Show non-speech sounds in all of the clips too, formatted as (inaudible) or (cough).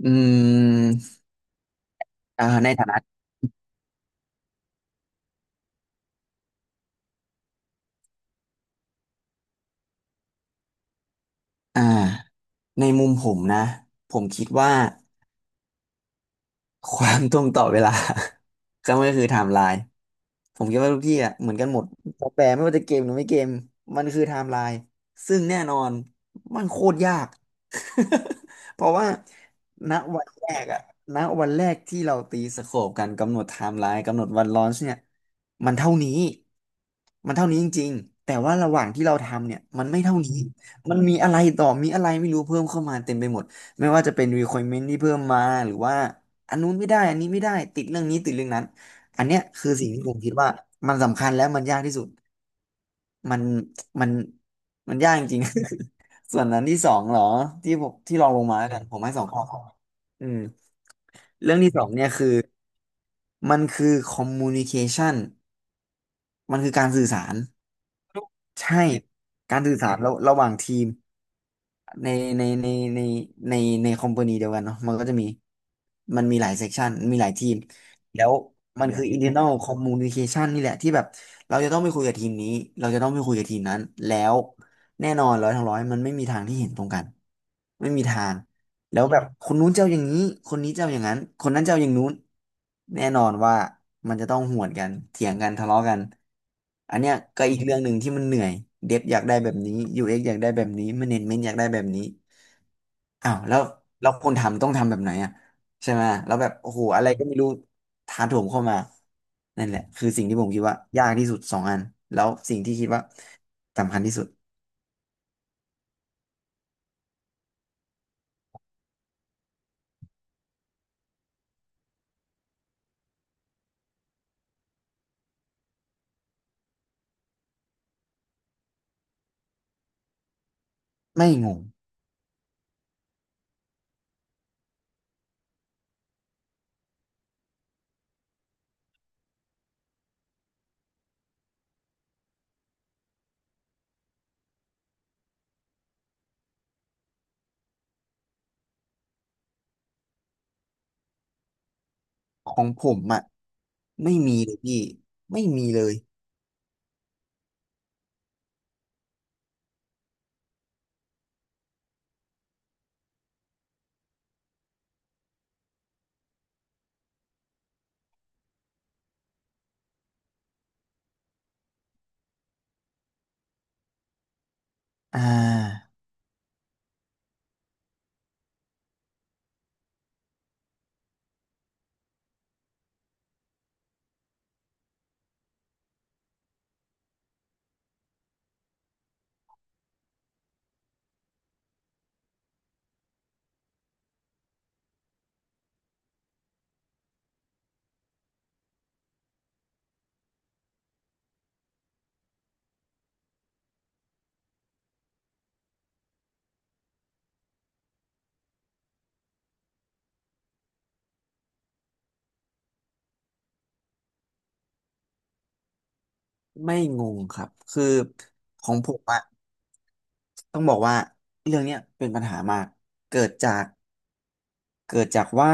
อืมในฐานะอ่าในมุมผมนะ ผมคิดว่า ความตรงต่อเวลา (laughs) ก็ไม่ก็คือไทม์ไลน์ผมคิดว่าทุกที่อ่ะเหมือนกันหมดซอฟต์แวร์ไม่ว่าจะเกมหรือไม่เกมมันคือไทม์ไลน์ซึ่งแน่นอนมันโคตรยาก (laughs) เพราะว่าณวันแรกณวันแรกที่เราตีสโคปกันกำหนดไทม์ไลน์กำหนดวันลอนช์เนี่ยมันเท่านี้มันเท่านี้จริงๆแต่ว่าระหว่างที่เราทำเนี่ยมันไม่เท่านี้มันมีอะไรต่อมีอะไรไม่รู้เพิ่มเข้ามาเต็มไปหมดไม่ว่าจะเป็น requirement ที่เพิ่มมาหรือว่า อันนู้นไม่ได้อันนี้ไม่ได้ติดเรื่องนี้ติดเรื่องนั้นอันเนี้ยคือสิ่งที่ผมคิดว่ามันสำคัญและมันยากที่สุดมันมันมันยากจริงๆ (laughs) ส่วนนั้นที่สองเหรอที่ผมที่ลองลงมาแล้วกันผมให้สองข้ออืมเรื่องที่สองเนี่ยคือมันคือ communication มันคือการสื่อสาร ใช่การสื่อสารระหว่างทีมในในในในในในคอมพานีเดียวกันเนาะมันก็จะมีมันมีหลายเซกชันมีหลายทีมแล้วมันคือ internal communication นี่แหละที่แบบเราจะต้องไปคุยกับทีมนี้เราจะต้องไปคุยกับทีมนั้นแล้วแน่นอนร้อยทั้งร้อยมันไม่มีทางที่เห็นตรงกันไม่มีทาง แล้วแบบคนนู้นเจ้าอย่างนี้คนนี้เจ้าอย่างนั้นคนนั้นเจ้าอย่างนู้นแน่นอนว่ามันจะต้องหวนกันเถียงกันทะเลาะกันอันเนี้ยก็อีกเรื่องหนึ่งที่มันเหนื่อยเดฟอยากได้แบบนี้ UX อกซ์อยากได้แบบนี้ Management อยากได้แบบนี้อ้าวแล้วคนทำต้องทำแบบไหนอ่ะใช่ไหม แล้วแบบโอ้โหอะไรก็ไม่รู้ถาโถมเข้ามานั่นแหละคือสิ่งที่ผมคิดว่ายากที่สุดสองอันแล้วสิ่งที่คิดว่าสำคัญที่สุดไม่งงของผมอ่ะไม่มีเลยพี่ไม่มีเลย อ่าไม่งงครับคือของผมอะต้องบอกว่าเรื่องเนี้ยเป็นปัญหามากเกิดจากเกิดจากว่า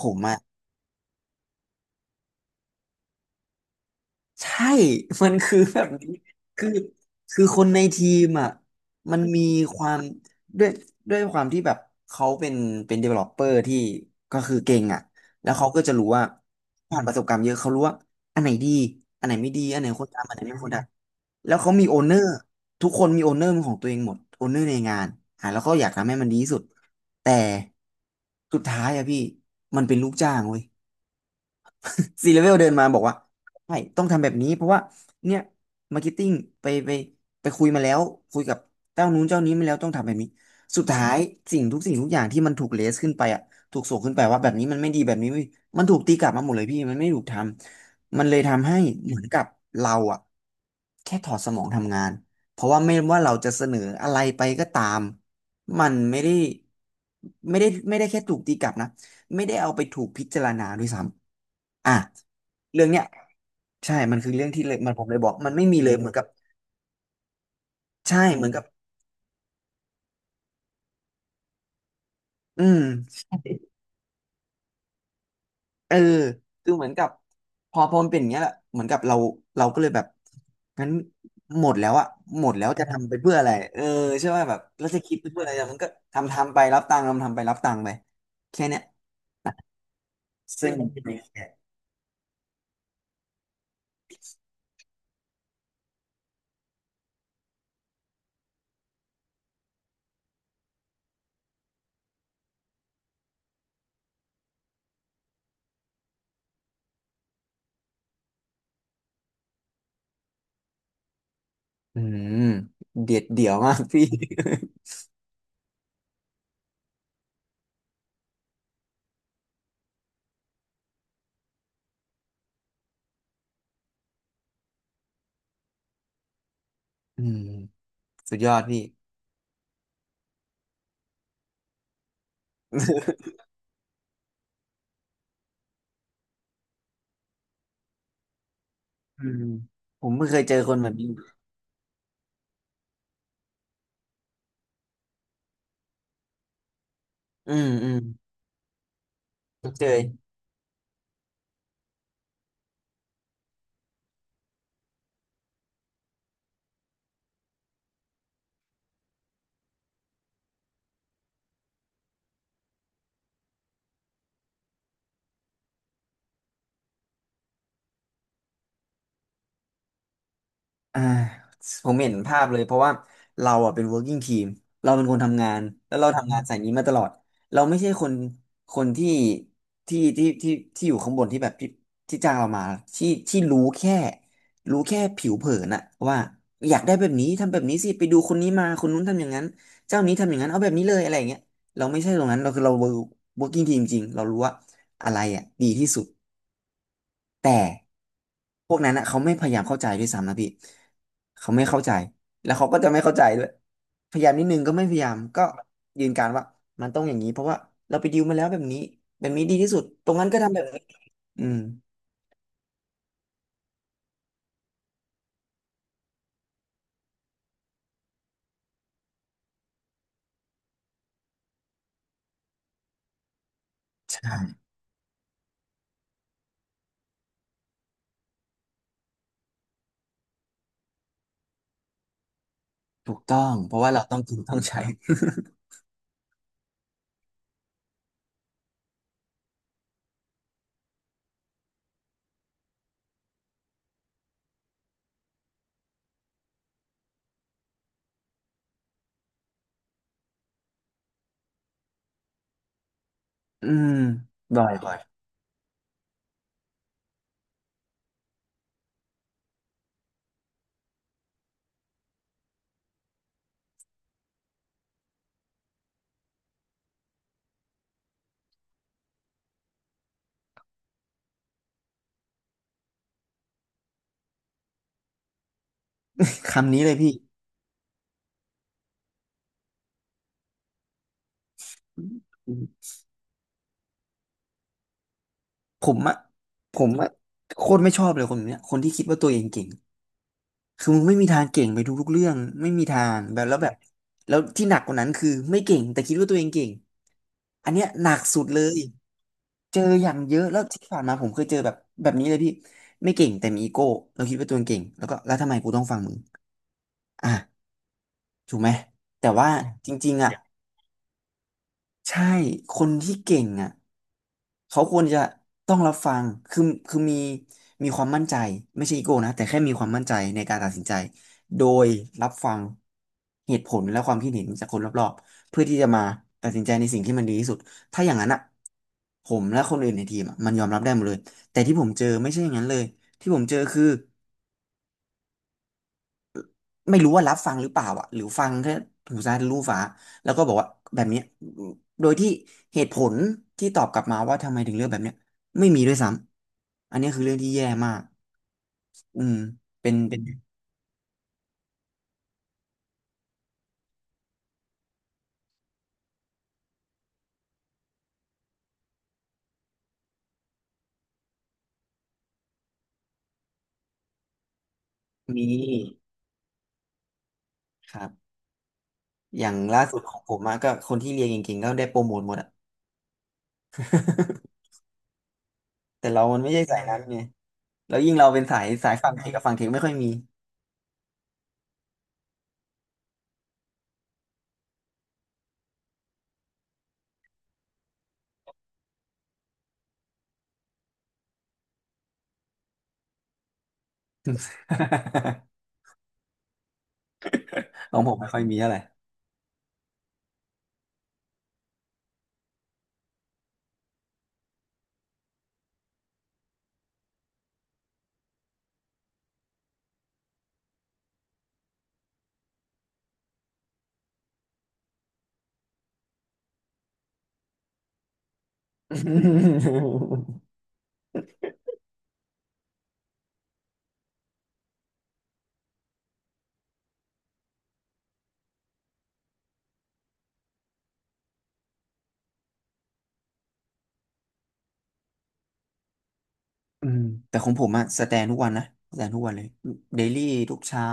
ผมอะ ใช่ (laughs) มันคือแบบนี้คือคือคนในทีมอ่ะมันมีความด้วยด้วยความที่แบบเขาเป็น developer ที่ก็คือเก่งอ่ะแล้วเขาก็จะรู้ว่าผ่านประสบการณ์เยอะเขารู้ว่าอันไหนดีอันไหนไม่ดีอันไหนควรทำอันไหนไม่ควรทำแล้วเขามีโอเนอร์ทุกคนมีโอเนอร์ของตัวเองหมดโอเนอร์ในงานอ่ะแล้วก็อยากทำให้มันดีที่สุด แต่สุดท้ายอะพี่มันเป็นลูกจ้างเว้ย ซีเลเวลเดินมาบอกว่าใช่ต้องทำแบบนี้เพราะว่าเนี่ยมาร์เก็ตติ้งไปไปไปคุยมาแล้วคุยกับเจ้านู้นเจ้านี้มาแล้วต้องทำแบบนี้สุดท้ายสิ่งทุกสิ่งทุกอย่างที่มันถูกเลสขึ้นไปอ่ะถูกส่งขึ้นไปว่าแบบนี้มันไม่ดีแบบนี้ไม่มันถูกตีกลับมาหมดเลยพี่มันไม่ถูกทำมันเลยทำให้เหมือนกับเราอ่ะแค่ถอดสมองทำงานเพราะว่าไม่ว่าเราจะเสนออะไรไปก็ตามมันไม่ได้ไม่ได้แค่ถูกตีกลับนะ ไม่ได้เอาไปถูกพิจารณาด้วยซ้ำอ่ะเรื่องเนี้ยใช่มันคือเรื่องที่เลยมันผมเลยบอกมันไม่มีเลยเหมือนกับใช่เหมือนกับอืมเออคือเหมือนกับพอมันเป็นอย่างเงี้ยแหละเหมือนกับเราเราก็เลยแบบงั้นหมดแล้วอะหมดแล้วจะทำไปเพื่ออะไรเออใช่ว่าแบบเราจะคิดไปเพื่ออะไรมันก็ทำไปรับตังค์ทำไปรับตังค์ไปแค่เนี้ยซึ่งอืมเด็ดเดี่ยวมากพี่ (laughs) อืมสุดยอดพี่ อืมผมเพิ่งเคยเจอคนแบบนี้อืมอืมเจออ่าผมเห็นภาพเลยเพราะว่าเราอ่ะเป็น working team เราเป็นคนทำงานแล้วเราทำงานสายนี้มาตลอดเราไม่ใช่คนคนที่ที่ที่อยู่ข้างบนที่แบบที่จ้างเรามาที่รู้แค่รู้แค่ผิวเผินอะว่าอยากได้แบบนี้ทำแบบนี้สิไปดูคนนี้มาคนนู้นทำอย่างนั้นเจ้านี้ทำอย่างนั้นเอาแบบนี้เลยอะไรอย่างเงี้ยเราไม่ใช่ตรงนั้นเราคือเรา working team จริงเรารู้ว่าอะไรอ่ะดีที่สุด แต่พวกนั้นอ่ะเขาไม่พยายามเข้าใจด้วยซ้ำนะพี่เขาไม่เข้าใจแล้วเขาก็จะไม่เข้าใจด้วยพยายามนิดนึงก็ไม่พยายามก็ยืนการว่ามันต้องอย่างนี้เพราะว่าเราไปดิมาแล้วแบบนี้แบบนี้ดีที่สุดตรงนั้นก็ทำแบบนี้อืมใช่ถูกต้องเพราะว่าเราต้องกินต้องใช้อืมบ่อยบ่อยคำนี้เลยพี่ผมอะผมอะโคตรไม่ชอบเลยคนแบบเนี้ยคนที่คิดว่าตัวเองเก่ง คือมึงไม่มีทางเก่งไปทุกๆเรื่องไม่มีทางแบบแล้วที่หนักกว่านั้นคือไม่เก่งแต่คิดว่าตัวเองเก่งอันเนี้ยหนักสุดเลยเจออย่างเยอะแล้วที่ผ่านมาผมเคยเจอแบบแบบนี้เลยพี่ไม่เก่งแต่มีอีโก้เราคิดว่าตัวเองเก่งแล้วก็แล้วทำไมกูต้องฟังมึงอ่ะถูกไหมแต่ว่าจริงๆอ่ะใช่คนที่เก่งอ่ะ เขาควรจะต้องรับฟังคือคือมีความมั่นใจไม่ใช่อีโก้นะ แต่แค่มีความมั่นใจในการตัดสินใจ โดยรับฟังเหตุผลและความคิดเห็นจากคนรอบๆเพื่อที่จะมาตัดสินใจในสิ่งที่มันดีที่สุดถ้าอย่างนั้นอ่ะผมและคนอื่นในทีมอะมันยอมรับได้หมดเลยแต่ที่ผมเจอไม่ใช่อย่างนั้นเลยที่ผมเจอคือ ไม่รู้ว่ารับฟังหรือเปล่าอ่ะหรือฟังแค่หูซ้ายทะลุฟ้าแล้วก็บอกว่าแบบเนี้ยโดยที่เหตุผลที่ตอบกลับมาว่าทำไมถึงเลือกแบบเนี้ยไม่มีด้วยซ้ำอันนี้คือเรื่องที่แย่มากอืมเป็นมีครับอย่างล่าสุดของผมอะก็คนที่เรียนเก่งๆก็ได้โปรโมทหมดอ่ะ (laughs) แต่เรามันไม่ใช่สายนั้นไงแล้วยิ่งเราเป็นสายสายฝั่งเทคกับฝั่งเทคไม่ค่อยมี (laughs) ของผมไม่ค่อยมีอะไร (laughs) อืมแต่ของผมอะสแตนทุกวันนะสแตนทุกวันเลยเดลี่ทุกเช้า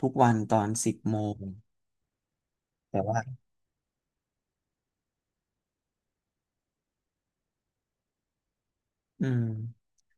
ทุกวันตอน10 โมงแต่ว่าอืม